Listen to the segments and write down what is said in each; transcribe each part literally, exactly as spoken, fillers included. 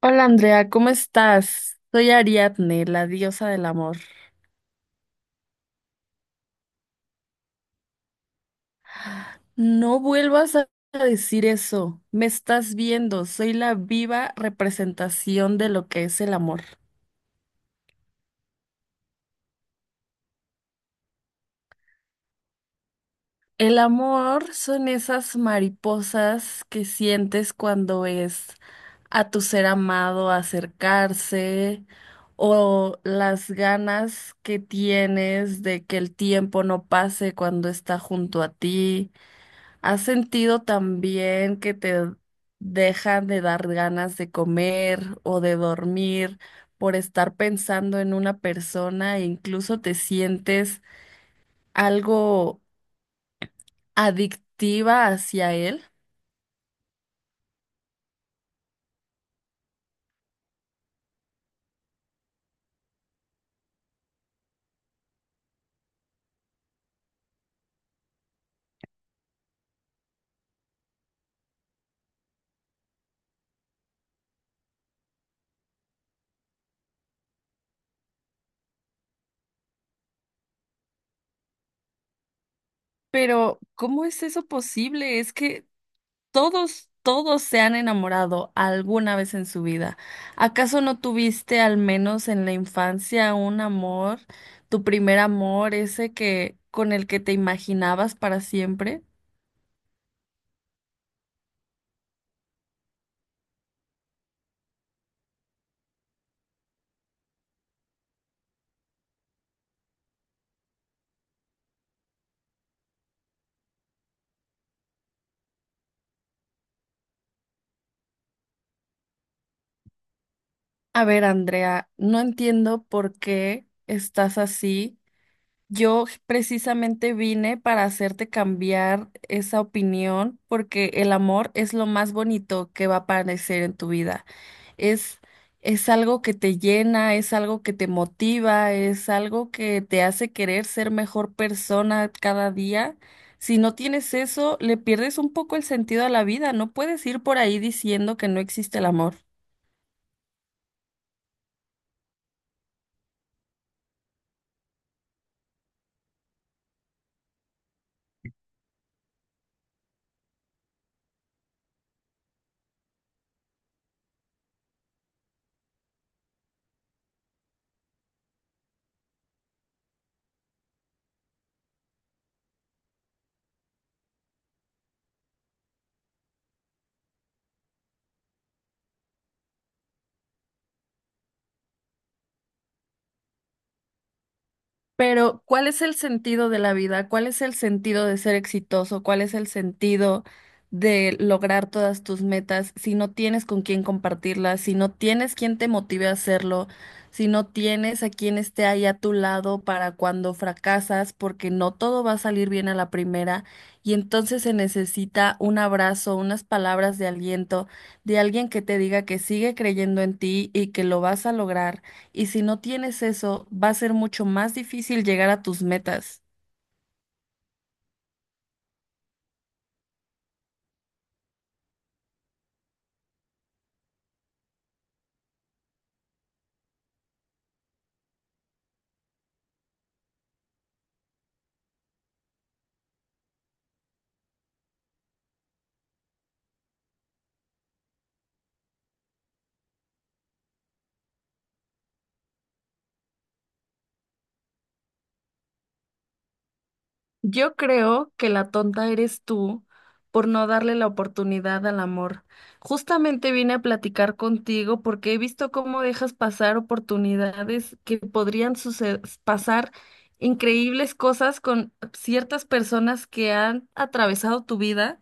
Hola Andrea, ¿cómo estás? Soy Ariadne, la diosa del amor. No vuelvas a a decir eso. Me estás viendo. Soy la viva representación de lo que es el amor. El amor son esas mariposas que sientes cuando ves a tu ser amado acercarse o las ganas que tienes de que el tiempo no pase cuando está junto a ti. ¿Has sentido también que te dejan de dar ganas de comer o de dormir por estar pensando en una persona e incluso te sientes algo adictiva hacia él? Pero, ¿cómo es eso posible? Es que Todos, todos se han enamorado alguna vez en su vida. ¿Acaso no tuviste al menos en la infancia un amor, tu primer amor, ese que con el que te imaginabas para siempre? A ver, Andrea, no entiendo por qué estás así. Yo precisamente vine para hacerte cambiar esa opinión porque el amor es lo más bonito que va a aparecer en tu vida. Es, es algo que te llena, es algo que te motiva, es algo que te hace querer ser mejor persona cada día. Si no tienes eso, le pierdes un poco el sentido a la vida. No puedes ir por ahí diciendo que no existe el amor. Pero, ¿cuál es el sentido de la vida? ¿Cuál es el sentido de ser exitoso? ¿Cuál es el sentido de lograr todas tus metas si no tienes con quién compartirlas, si no tienes quien te motive a hacerlo, si no tienes a quien esté ahí a tu lado para cuando fracasas, porque no todo va a salir bien a la primera y entonces se necesita un abrazo, unas palabras de aliento de alguien que te diga que sigue creyendo en ti y que lo vas a lograr? Y si no tienes eso, va a ser mucho más difícil llegar a tus metas. Yo creo que la tonta eres tú por no darle la oportunidad al amor. Justamente vine a platicar contigo porque he visto cómo dejas pasar oportunidades que podrían suce- pasar increíbles cosas con ciertas personas que han atravesado tu vida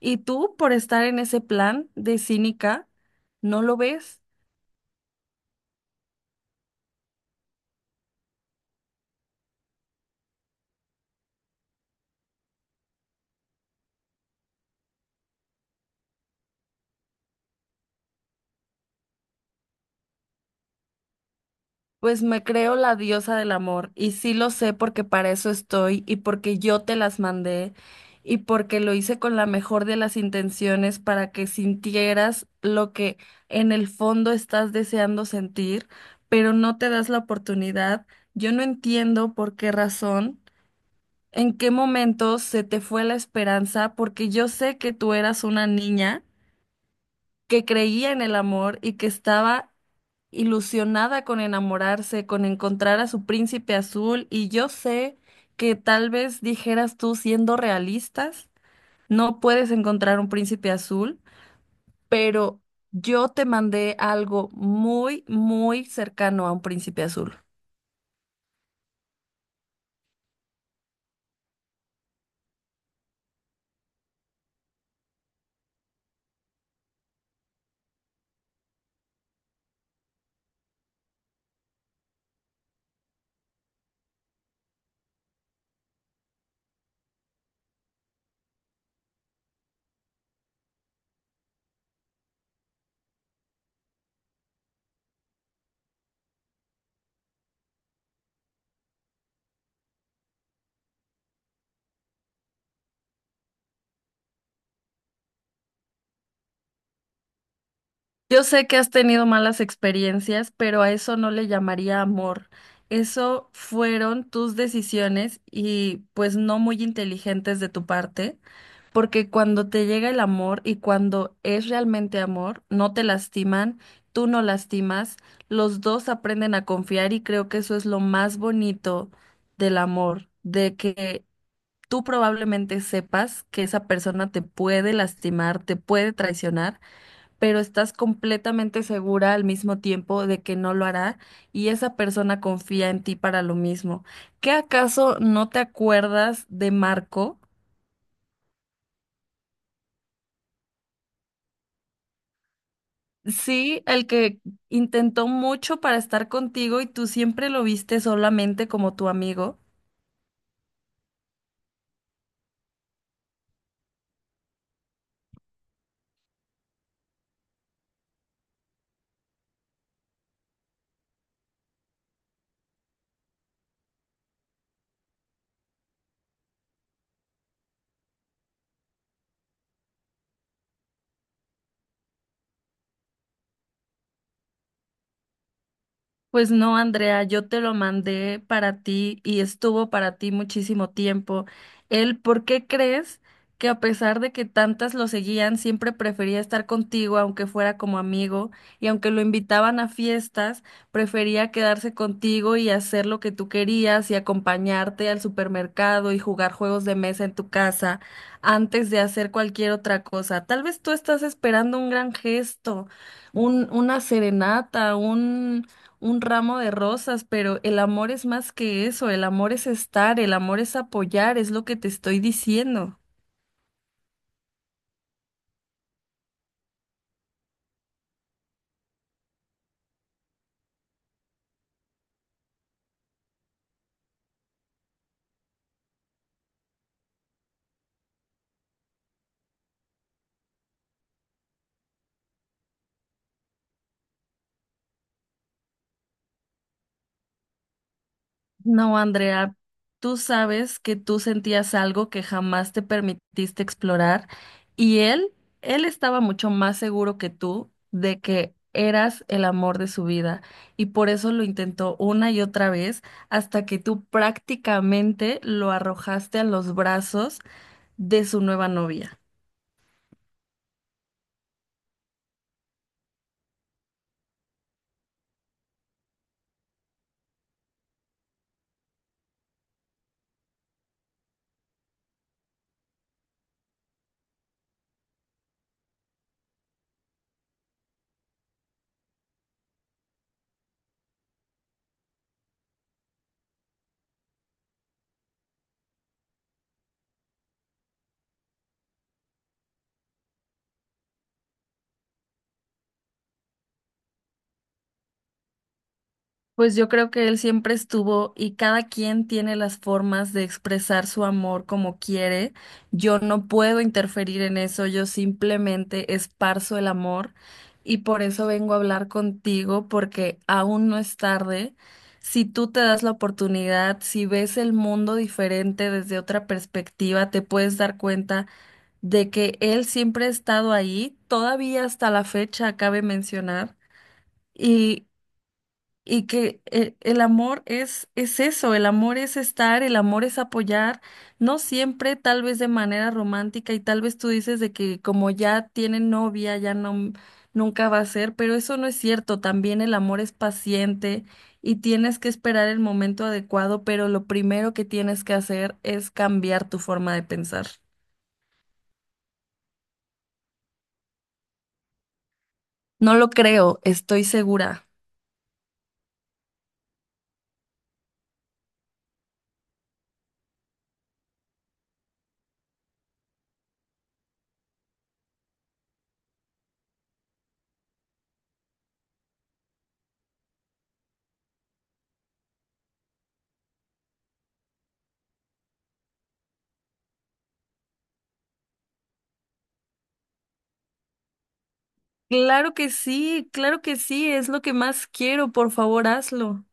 y tú por estar en ese plan de cínica, no lo ves. Pues me creo la diosa del amor y sí lo sé porque para eso estoy y porque yo te las mandé y porque lo hice con la mejor de las intenciones para que sintieras lo que en el fondo estás deseando sentir, pero no te das la oportunidad. Yo no entiendo por qué razón, en qué momento se te fue la esperanza, porque yo sé que tú eras una niña que creía en el amor y que estaba ilusionada con enamorarse, con encontrar a su príncipe azul, y yo sé que tal vez dijeras tú, siendo realistas, no puedes encontrar un príncipe azul, pero yo te mandé algo muy, muy cercano a un príncipe azul. Yo sé que has tenido malas experiencias, pero a eso no le llamaría amor. Eso fueron tus decisiones y pues no muy inteligentes de tu parte. Porque cuando te llega el amor y cuando es realmente amor, no te lastiman, tú no lastimas, los dos aprenden a confiar y creo que eso es lo más bonito del amor, de que tú probablemente sepas que esa persona te puede lastimar, te puede traicionar, pero estás completamente segura al mismo tiempo de que no lo hará y esa persona confía en ti para lo mismo. ¿Qué acaso no te acuerdas de Marco? Sí, el que intentó mucho para estar contigo y tú siempre lo viste solamente como tu amigo. Pues no, Andrea, yo te lo mandé para ti y estuvo para ti muchísimo tiempo. Él, ¿por qué crees que a pesar de que tantas lo seguían, siempre prefería estar contigo, aunque fuera como amigo, y aunque lo invitaban a fiestas, prefería quedarse contigo y hacer lo que tú querías y acompañarte al supermercado y jugar juegos de mesa en tu casa antes de hacer cualquier otra cosa? Tal vez tú estás esperando un gran gesto, un, una serenata, un un ramo de rosas, pero el amor es más que eso, el amor es estar, el amor es apoyar, es lo que te estoy diciendo. No, Andrea, tú sabes que tú sentías algo que jamás te permitiste explorar y él, él estaba mucho más seguro que tú de que eras el amor de su vida y por eso lo intentó una y otra vez hasta que tú prácticamente lo arrojaste a los brazos de su nueva novia. Pues yo creo que él siempre estuvo y cada quien tiene las formas de expresar su amor como quiere. Yo no puedo interferir en eso, yo simplemente esparzo el amor y por eso vengo a hablar contigo porque aún no es tarde. Si tú te das la oportunidad, si ves el mundo diferente desde otra perspectiva, te puedes dar cuenta de que él siempre ha estado ahí, todavía hasta la fecha, cabe mencionar. Y y que eh, El amor es, es eso, el amor es estar, el amor es apoyar, no siempre, tal vez de manera romántica y tal vez tú dices de que como ya tienen novia, ya no, nunca va a ser, pero eso no es cierto, también el amor es paciente y tienes que esperar el momento adecuado, pero lo primero que tienes que hacer es cambiar tu forma de pensar. No lo creo, estoy segura. Claro que sí, claro que sí, es lo que más quiero, por favor, hazlo.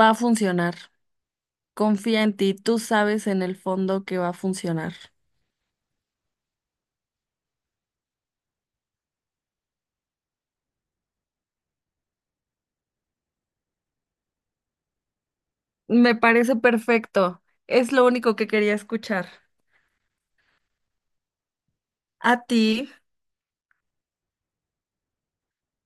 Va a funcionar. Confía en ti, tú sabes en el fondo que va a funcionar. Me parece perfecto. Es lo único que quería escuchar. A ti.